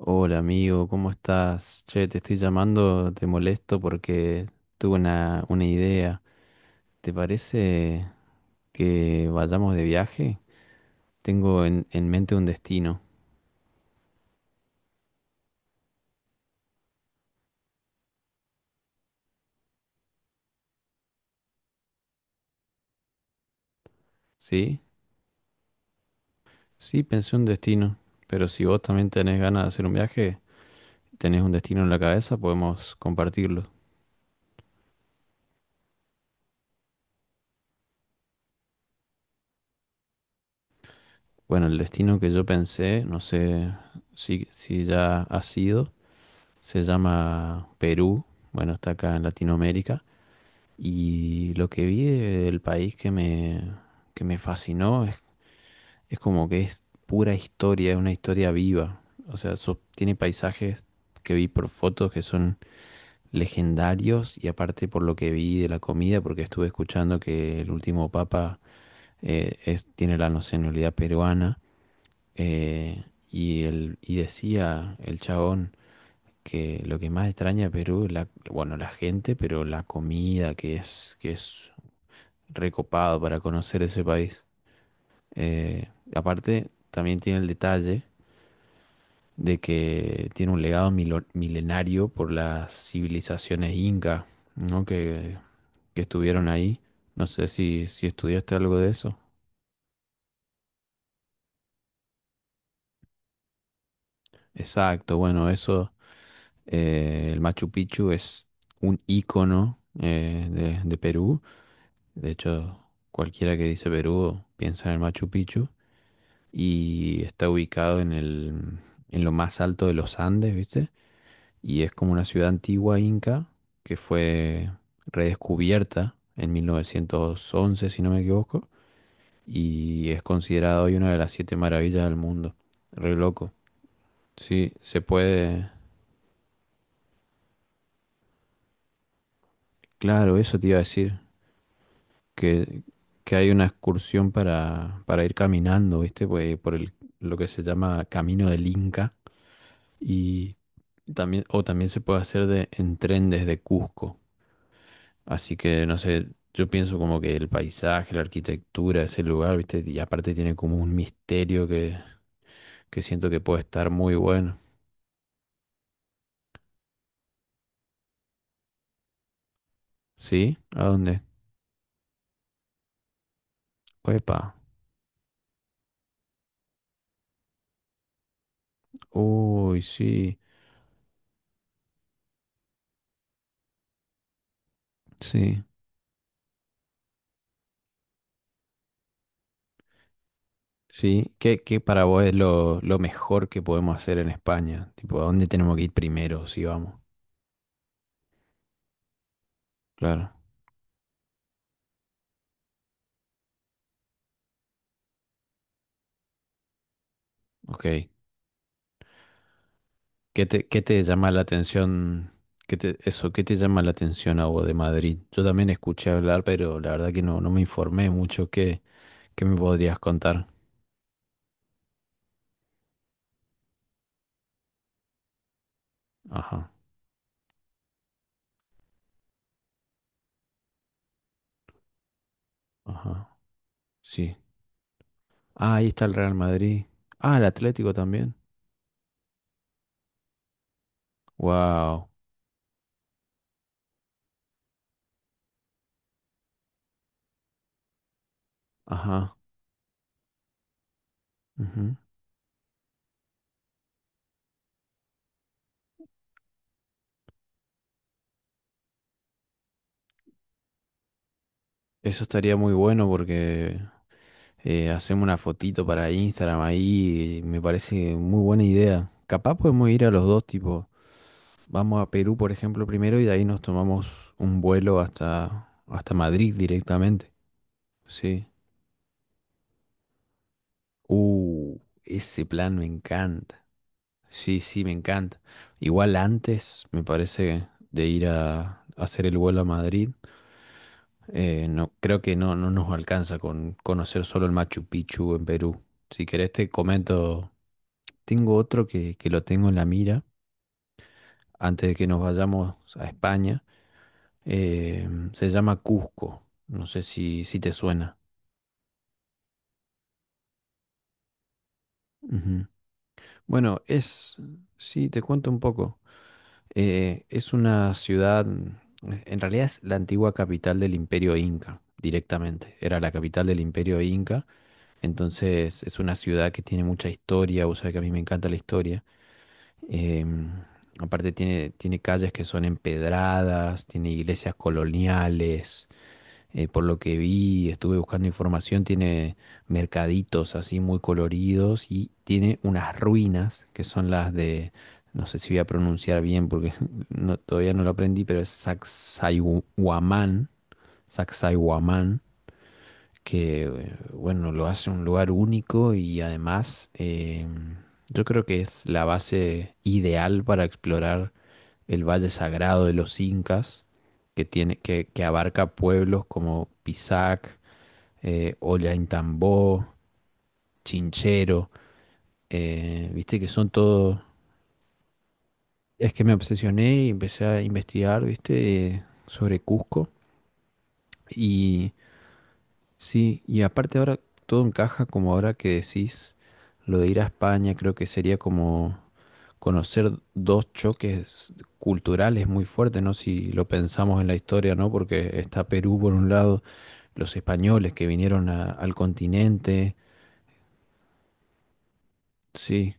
Hola amigo, ¿cómo estás? Che, te estoy llamando, te molesto porque tuve una idea. ¿Te parece que vayamos de viaje? Tengo en mente un destino, ¿sí? Sí, pensé un destino, pero si vos también tenés ganas de hacer un viaje, tenés un destino en la cabeza, podemos compartirlo. Bueno, el destino que yo pensé, no sé si ya ha sido, se llama Perú, bueno, está acá en Latinoamérica. Y lo que vi del país que me fascinó es como que es pura historia, es una historia viva. O sea, tiene paisajes que vi por fotos que son legendarios y aparte por lo que vi de la comida, porque estuve escuchando que el último papa tiene la nacionalidad peruana, y decía el chabón que lo que más extraña a Perú es la, bueno, la gente, pero la comida, que es recopado para conocer ese país. Eh, Aparte, también tiene el detalle de que tiene un legado milenario por las civilizaciones inca, ¿no? Que estuvieron ahí. No sé si estudiaste algo de eso. Exacto, bueno, eso, el Machu Picchu es un ícono, de Perú. De hecho, cualquiera que dice Perú piensa en el Machu Picchu y está ubicado en lo más alto de los Andes, ¿viste? Y es como una ciudad antigua inca que fue redescubierta en 1911, si no me equivoco, y es considerada hoy una de las siete maravillas del mundo. Re loco. Sí, se puede. Claro, eso te iba a decir, que, que hay una excursión para ir caminando, ¿viste? Pues, lo que se llama Camino del Inca y también, o también se puede hacer en tren desde Cusco. Así que, no sé, yo pienso como que el paisaje, la arquitectura, ese lugar, ¿viste? Y aparte tiene como un misterio que siento que puede estar muy bueno. ¿Sí? ¿A dónde? ¡Epa! Uy, sí, sí, sí. ¿Qué, qué para vos es lo mejor que podemos hacer en España? Tipo, ¿a dónde tenemos que ir primero si vamos? Claro, ok. Qué te llama la atención? ¿Qué te, eso, qué te llama la atención a vos de Madrid? Yo también escuché hablar, pero la verdad que no, no me informé mucho. ¿Qué, qué me podrías contar? Ajá, ajá, sí. Ah, ahí está el Real Madrid. Ah, el Atlético también. Wow, ajá. Ujú. Eso estaría muy bueno porque, hacemos una fotito para Instagram ahí. Me parece muy buena idea. Capaz podemos ir a los dos, tipo, vamos a Perú, por ejemplo, primero y de ahí nos tomamos un vuelo hasta Madrid directamente. Sí. Ese plan me encanta. Sí, sí, me encanta. Igual antes, me parece, de ir a hacer el vuelo a Madrid, no, creo que no nos alcanza con conocer solo el Machu Picchu en Perú. Si querés te comento, tengo otro que lo tengo en la mira antes de que nos vayamos a España. eh, Se llama Cusco. No sé si te suena. Ujú. Bueno, es... Sí, te cuento un poco. Es una ciudad, en realidad es la antigua capital del Imperio Inca, directamente. Era la capital del Imperio Inca, entonces es una ciudad que tiene mucha historia, vos sabés que a mí me encanta la historia. Em, Aparte tiene calles que son empedradas, tiene iglesias coloniales, por lo que vi, estuve buscando información, tiene mercaditos así muy coloridos y tiene unas ruinas que son las de, no sé si voy a pronunciar bien porque todavía no lo aprendí, pero es Sacsayhuamán, Sacsayhuamán, que, bueno, lo hace un lugar único y además, yo creo que es la base ideal para explorar el Valle Sagrado de los Incas que tiene, que abarca pueblos como Pisac, Ollantaytambo, Chinchero, viste que son todos... Es que me obsesioné y empecé a investigar, viste, sobre Cusco. Y sí, y aparte ahora todo encaja como ahora que decís lo de ir a España, creo que sería como conocer dos choques culturales muy fuertes, ¿no? Si lo pensamos en la historia, ¿no? Porque está Perú por un lado, los españoles que vinieron al continente, sí.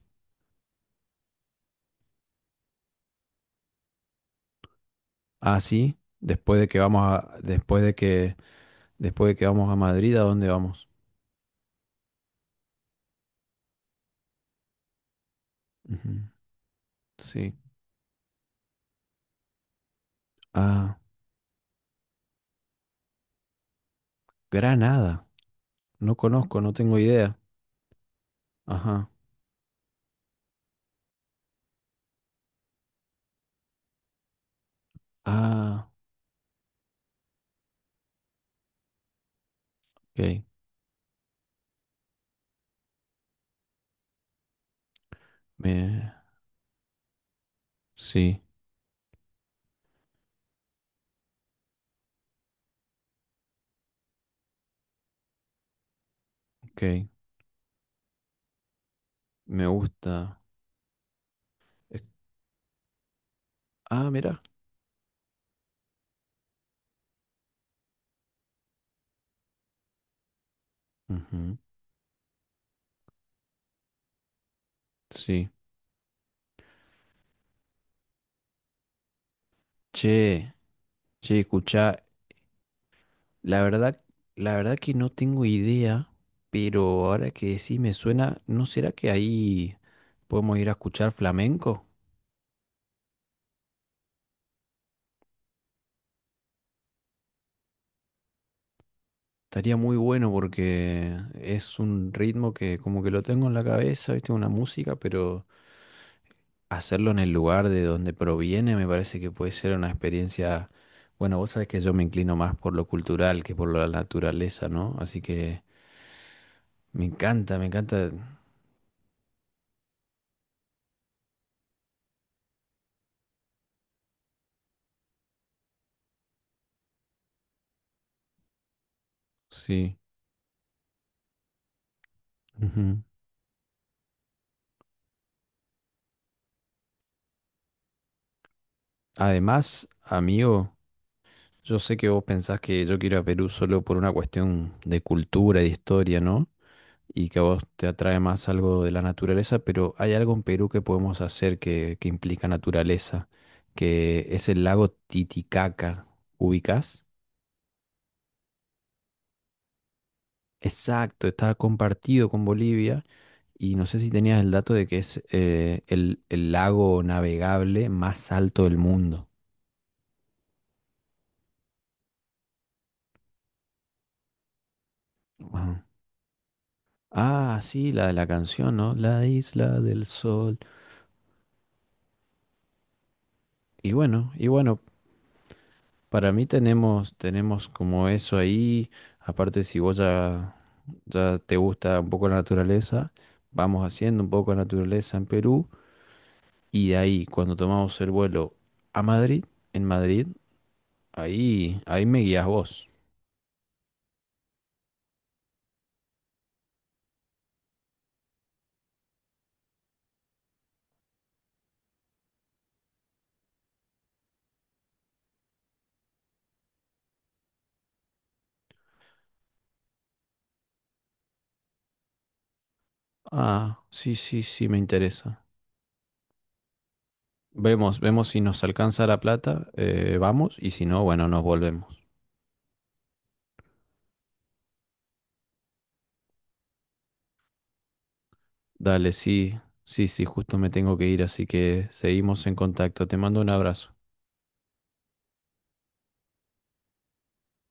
Así, después de que vamos a Madrid, ¿a dónde vamos? Ujú, sí. Ah, Granada. No conozco, no tengo idea. Ajá. Ah, ok. Me, sí, ok. Me gusta. Es- Ah, mira. Ujú, sí. Che, che, escuchá. La verdad, la verdad que no tengo idea, pero ahora que sí me suena, ¿no será que ahí podemos ir a escuchar flamenco? Estaría muy bueno porque es un ritmo que como que lo tengo en la cabeza, ¿viste? Una música, pero hacerlo en el lugar de donde proviene me parece que puede ser una experiencia... Bueno, vos sabés que yo me inclino más por lo cultural que por la naturaleza, ¿no? Así que me encanta, me encanta. Sí. Ujú. Además, amigo, yo sé que vos pensás que yo quiero ir a Perú solo por una cuestión de cultura y de historia, ¿no? Y que a vos te atrae más algo de la naturaleza, pero hay algo en Perú que podemos hacer que implica naturaleza, que es el lago Titicaca. ¿Ubicás? Exacto, está compartido con Bolivia y no sé si tenías el dato de que es, el lago navegable más alto del mundo. Ajá. Ah, sí, la de la canción, ¿no? La isla del sol. Y bueno, para mí tenemos, tenemos como eso ahí. Aparte, si vos ya te gusta un poco la naturaleza, vamos haciendo un poco de naturaleza en Perú y de ahí cuando tomamos el vuelo a Madrid, en Madrid, ahí me guías vos. Ah, sí, sí, sí, me interesa. Vemos, vemos si nos alcanza la plata, vamos y si no, bueno, nos volvemos. Dale, sí, sí, sí, justo me tengo que ir, así que seguimos en contacto. Te mando un abrazo.